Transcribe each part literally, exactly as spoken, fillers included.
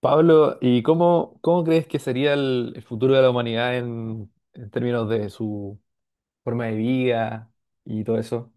Pablo, ¿y cómo, cómo crees que sería el, el futuro de la humanidad en, en términos de su forma de vida y todo eso?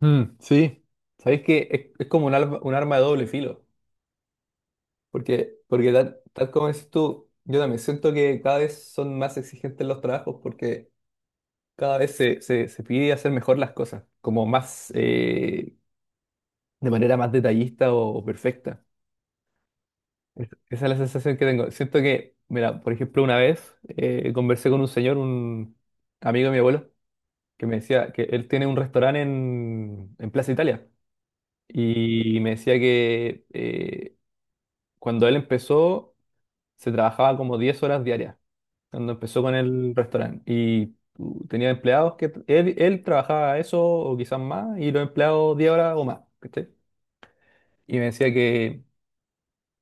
Mm, sí, sabéis que es, es como un arma, un arma de doble filo, porque, porque tal, tal como dices tú, yo también siento que cada vez son más exigentes los trabajos porque cada vez se, se, se pide hacer mejor las cosas, como más eh, de manera más detallista o, o perfecta. Es- Esa es la sensación que tengo. Siento que, mira, por ejemplo, una vez eh, conversé con un señor, un amigo de mi abuelo, que me decía que él tiene un restaurante en, en Plaza Italia. Y me decía que eh, cuando él empezó, se trabajaba como diez horas diarias, cuando empezó con el restaurante. Y uh, tenía empleados que t- él, él trabajaba eso o quizás más, y los empleados diez horas o más. ¿Cachai? Y me decía que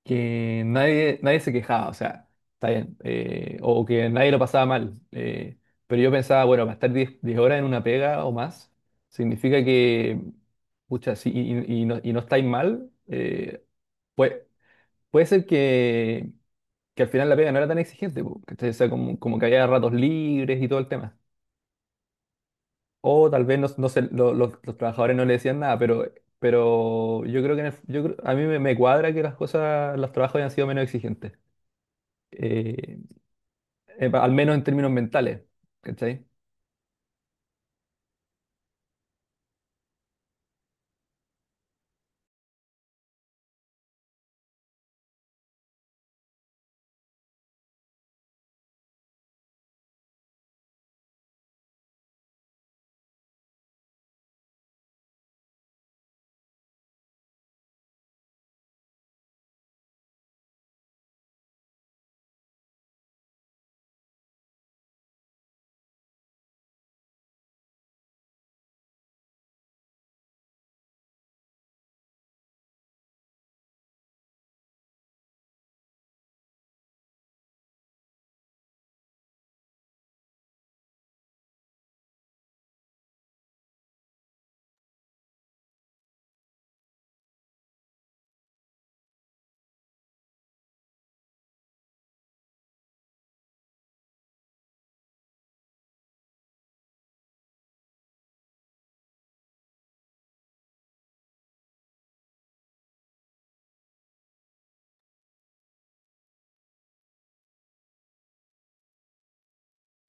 que nadie, nadie se quejaba, o sea, está bien, eh, o que nadie lo pasaba mal. Eh, pero yo pensaba, bueno, para estar diez 10 horas en una pega o más, significa que, pucha, si y, y- y no, y no estáis mal, eh, puede, puede ser que, que al final la pega no era tan exigente, po, ¿cachai? O sea, como, como que había ratos libres y todo el tema. O tal vez no, no se- lo- los, los trabajadores no le decían nada, pero, pero yo creo que en el- yo creo- a mí me, me cuadra que las cosas, los trabajos hayan sido menos exigentes. Eh, eh, pa- Al menos en términos mentales, ¿cachai?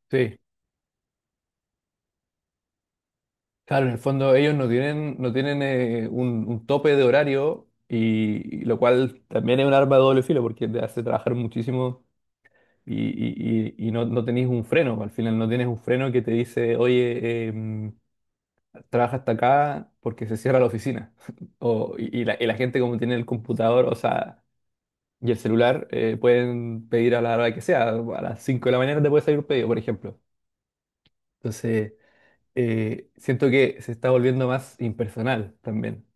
Sí, claro, en el fondo ellos no tienen, no tienen eh, un, un tope de horario y, y lo cual también es un arma de doble filo porque te hace trabajar muchísimo y, y, y- y no, no tenés un freno, al final no tienes un freno que te dice, oye, em, trabaja hasta acá porque se cierra la oficina. O, y, y la, y la gente como tiene el computador, o sea, y el celular, eh, pueden pedir a la hora que sea, a las cinco de la mañana te puede salir un pedido, por ejemplo. Entonces, eh, siento que se está volviendo más impersonal también,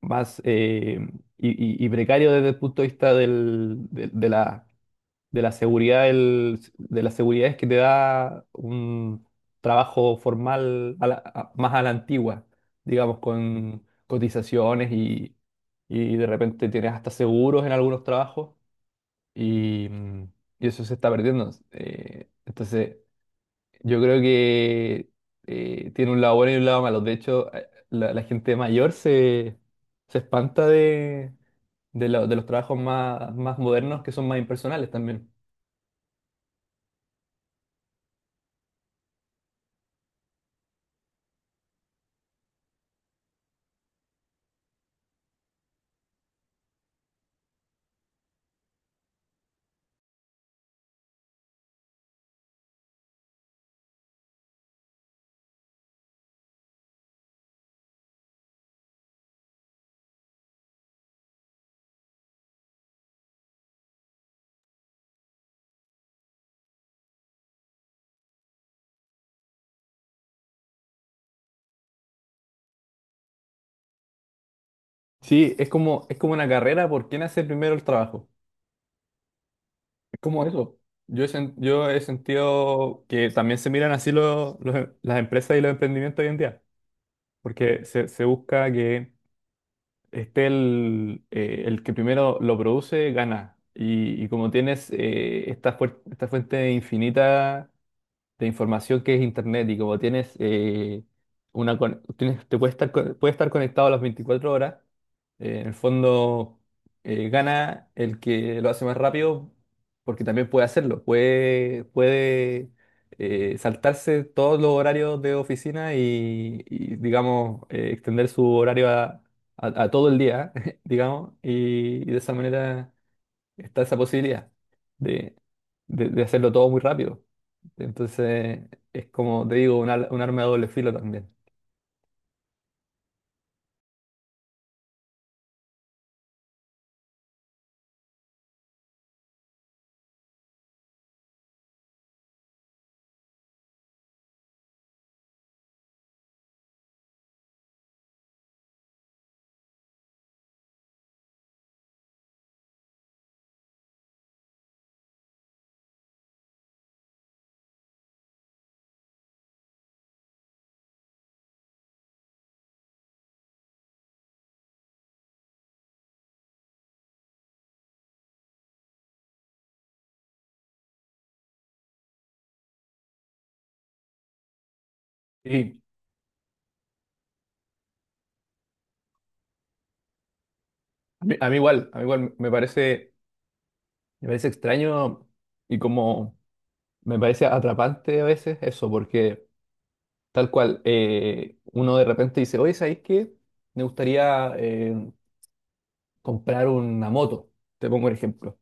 más eh, y, y- y precario desde el punto de vista del- de, de la, de la seguridad, del- de las seguridades que te da un trabajo formal a la- a- más a la antigua, digamos, con cotizaciones y, y de repente tienes hasta seguros en algunos trabajos y, mm, y eso se está perdiendo. Eh, entonces, yo creo que eh, tiene un lado bueno y un lado malo. De hecho, eh, la, la gente mayor se, se espanta de, de, lo- de los trabajos más, más modernos que son más impersonales también. Sí, es como, es como una carrera por quién hace primero el trabajo. Es como eso. Yo he, sen- yo he sentido que también se miran así los- los em- las empresas y los emprendimientos hoy en día, porque se, se busca que esté el, eh, el que primero lo produce, gana. Y, y como tienes eh, esta, fuer- esta fuente infinita de información que es Internet y como tienes, eh, una, con- tienes te puede estar, co- puede estar conectado a las veinticuatro horas, eh, en el fondo eh, gana el que lo hace más rápido porque también puede hacerlo, puede, puede eh, saltarse todos los horarios de oficina y, y, digamos, eh, extender su horario a, a- a todo el día, digamos, y, y de esa manera está esa posibilidad de, de- de hacerlo todo muy rápido. Entonces, es como te digo, un, al- un arma de doble filo también. Y a mí, a mí igual, a mí igual me parece, me parece extraño y como me parece atrapante a veces eso, porque tal cual, eh, uno de repente dice, oye, ¿sabéis qué? Me gustaría eh, comprar una moto, te pongo un ejemplo.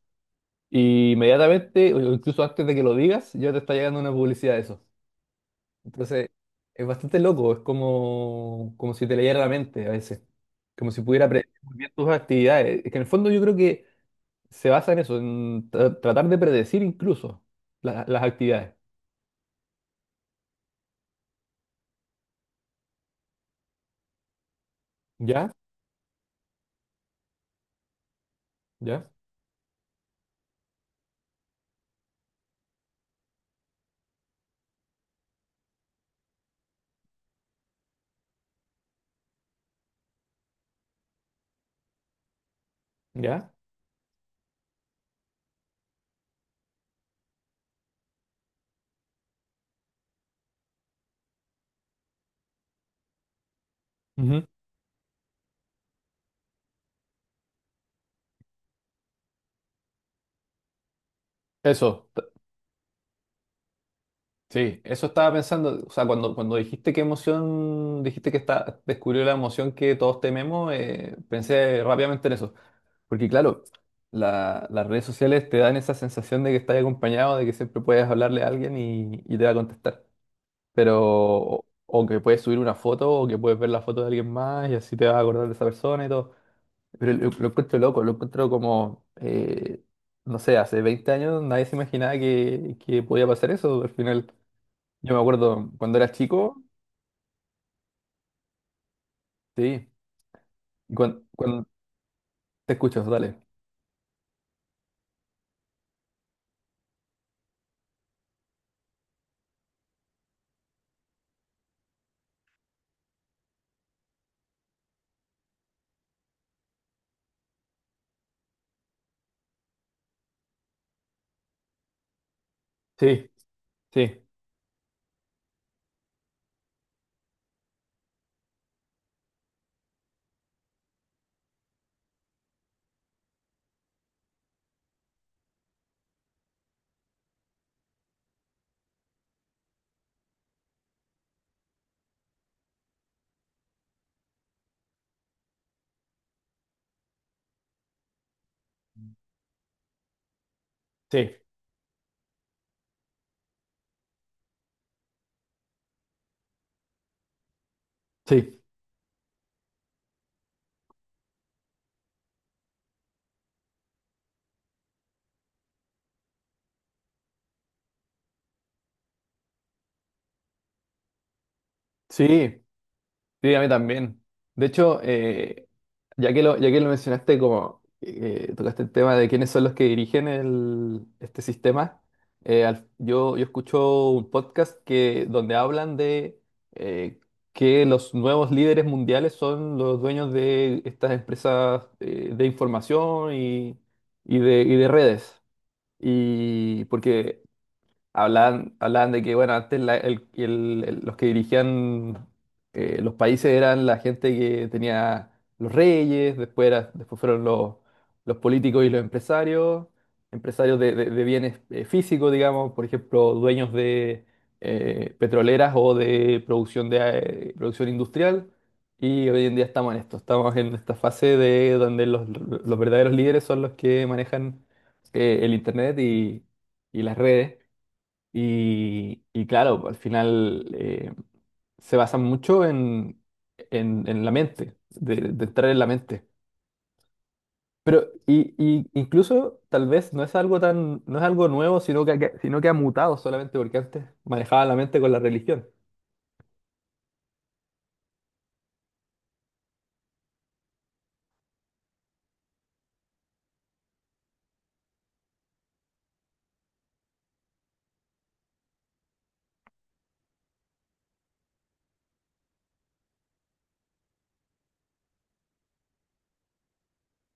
Y inmediatamente, o incluso antes de que lo digas, ya te está llegando una publicidad de eso. Entonces, es bastante loco, es como, como si te leyera la mente a veces, como si pudiera predecir muy bien tus actividades. Es que en el fondo yo creo que se basa en eso, en tra- tratar de predecir incluso la- las actividades. ¿Ya? ¿Ya? ¿Ya? Ujú. Eso, t- sí, eso estaba pensando, o sea, cuando, cuando dijiste qué emoción, dijiste que está, descubrió la emoción que todos tememos, eh, pensé rápidamente en eso. Porque claro, la- las redes sociales te dan esa sensación de que estás acompañado, de que siempre puedes hablarle a alguien y, y te va a contestar. Pero, o, o que puedes subir una foto, o que puedes ver la foto de alguien más y así te vas a acordar de esa persona y todo. Pero lo, lo encuentro loco, lo encuentro como, eh, no sé, hace veinte años nadie se imaginaba que, que podía pasar eso. Al final, yo me acuerdo cuando era chico, sí, y cuando, cuando te escuchas, dale. Sí, sí, sí, sí, sí. Sí, a mí también. De hecho, eh, ya que lo, ya que lo mencionaste, como eh, tocaste el tema de quiénes son los que dirigen el, este sistema, eh, al- yo, yo escucho un podcast que, donde hablan de eh, que los nuevos líderes mundiales son los dueños de estas empresas eh, de información y, y de, y de redes. Y porque hablaban, hablaban de que, bueno, antes la- el- el- el- los que dirigían eh, los países eran la gente que tenía los reyes, después, era- después fueron los, los políticos y los empresarios, empresarios de, de- de bienes eh, físicos, digamos, por ejemplo, dueños de eh, petroleras o de producción, de, eh, producción industrial. Y hoy en día estamos en esto, estamos en esta fase de donde los, los verdaderos líderes son los que manejan eh, el internet y, y las redes. Y, y claro, al final eh, se basa mucho en, en, en la mente, de, de entrar en la mente. Pero y, y incluso tal vez no es algo tan, no es algo nuevo, sino que, que- sino que ha mutado solamente porque antes manejaba la mente con la religión.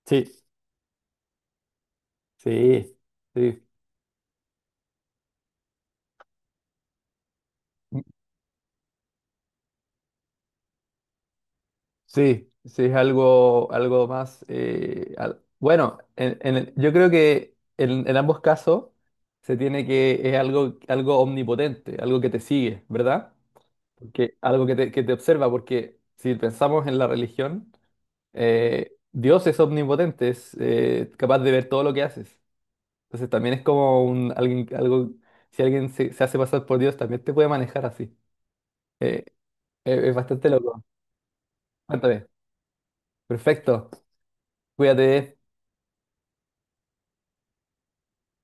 Sí, sí, sí, sí, sí, es algo, algo más, eh, al- bueno, en- en el- yo creo que en, en ambos casos se tiene que, es algo, algo omnipotente, algo que te sigue, ¿verdad? Porque algo que te, que te observa, porque si pensamos en la religión, eh, Dios es omnipotente, es eh, capaz de ver todo lo que haces. Entonces también es como un alguien, algo, si alguien se, se hace pasar por Dios, también te puede manejar así. Eh, eh, es bastante loco. Cuéntame. Perfecto. Cuídate.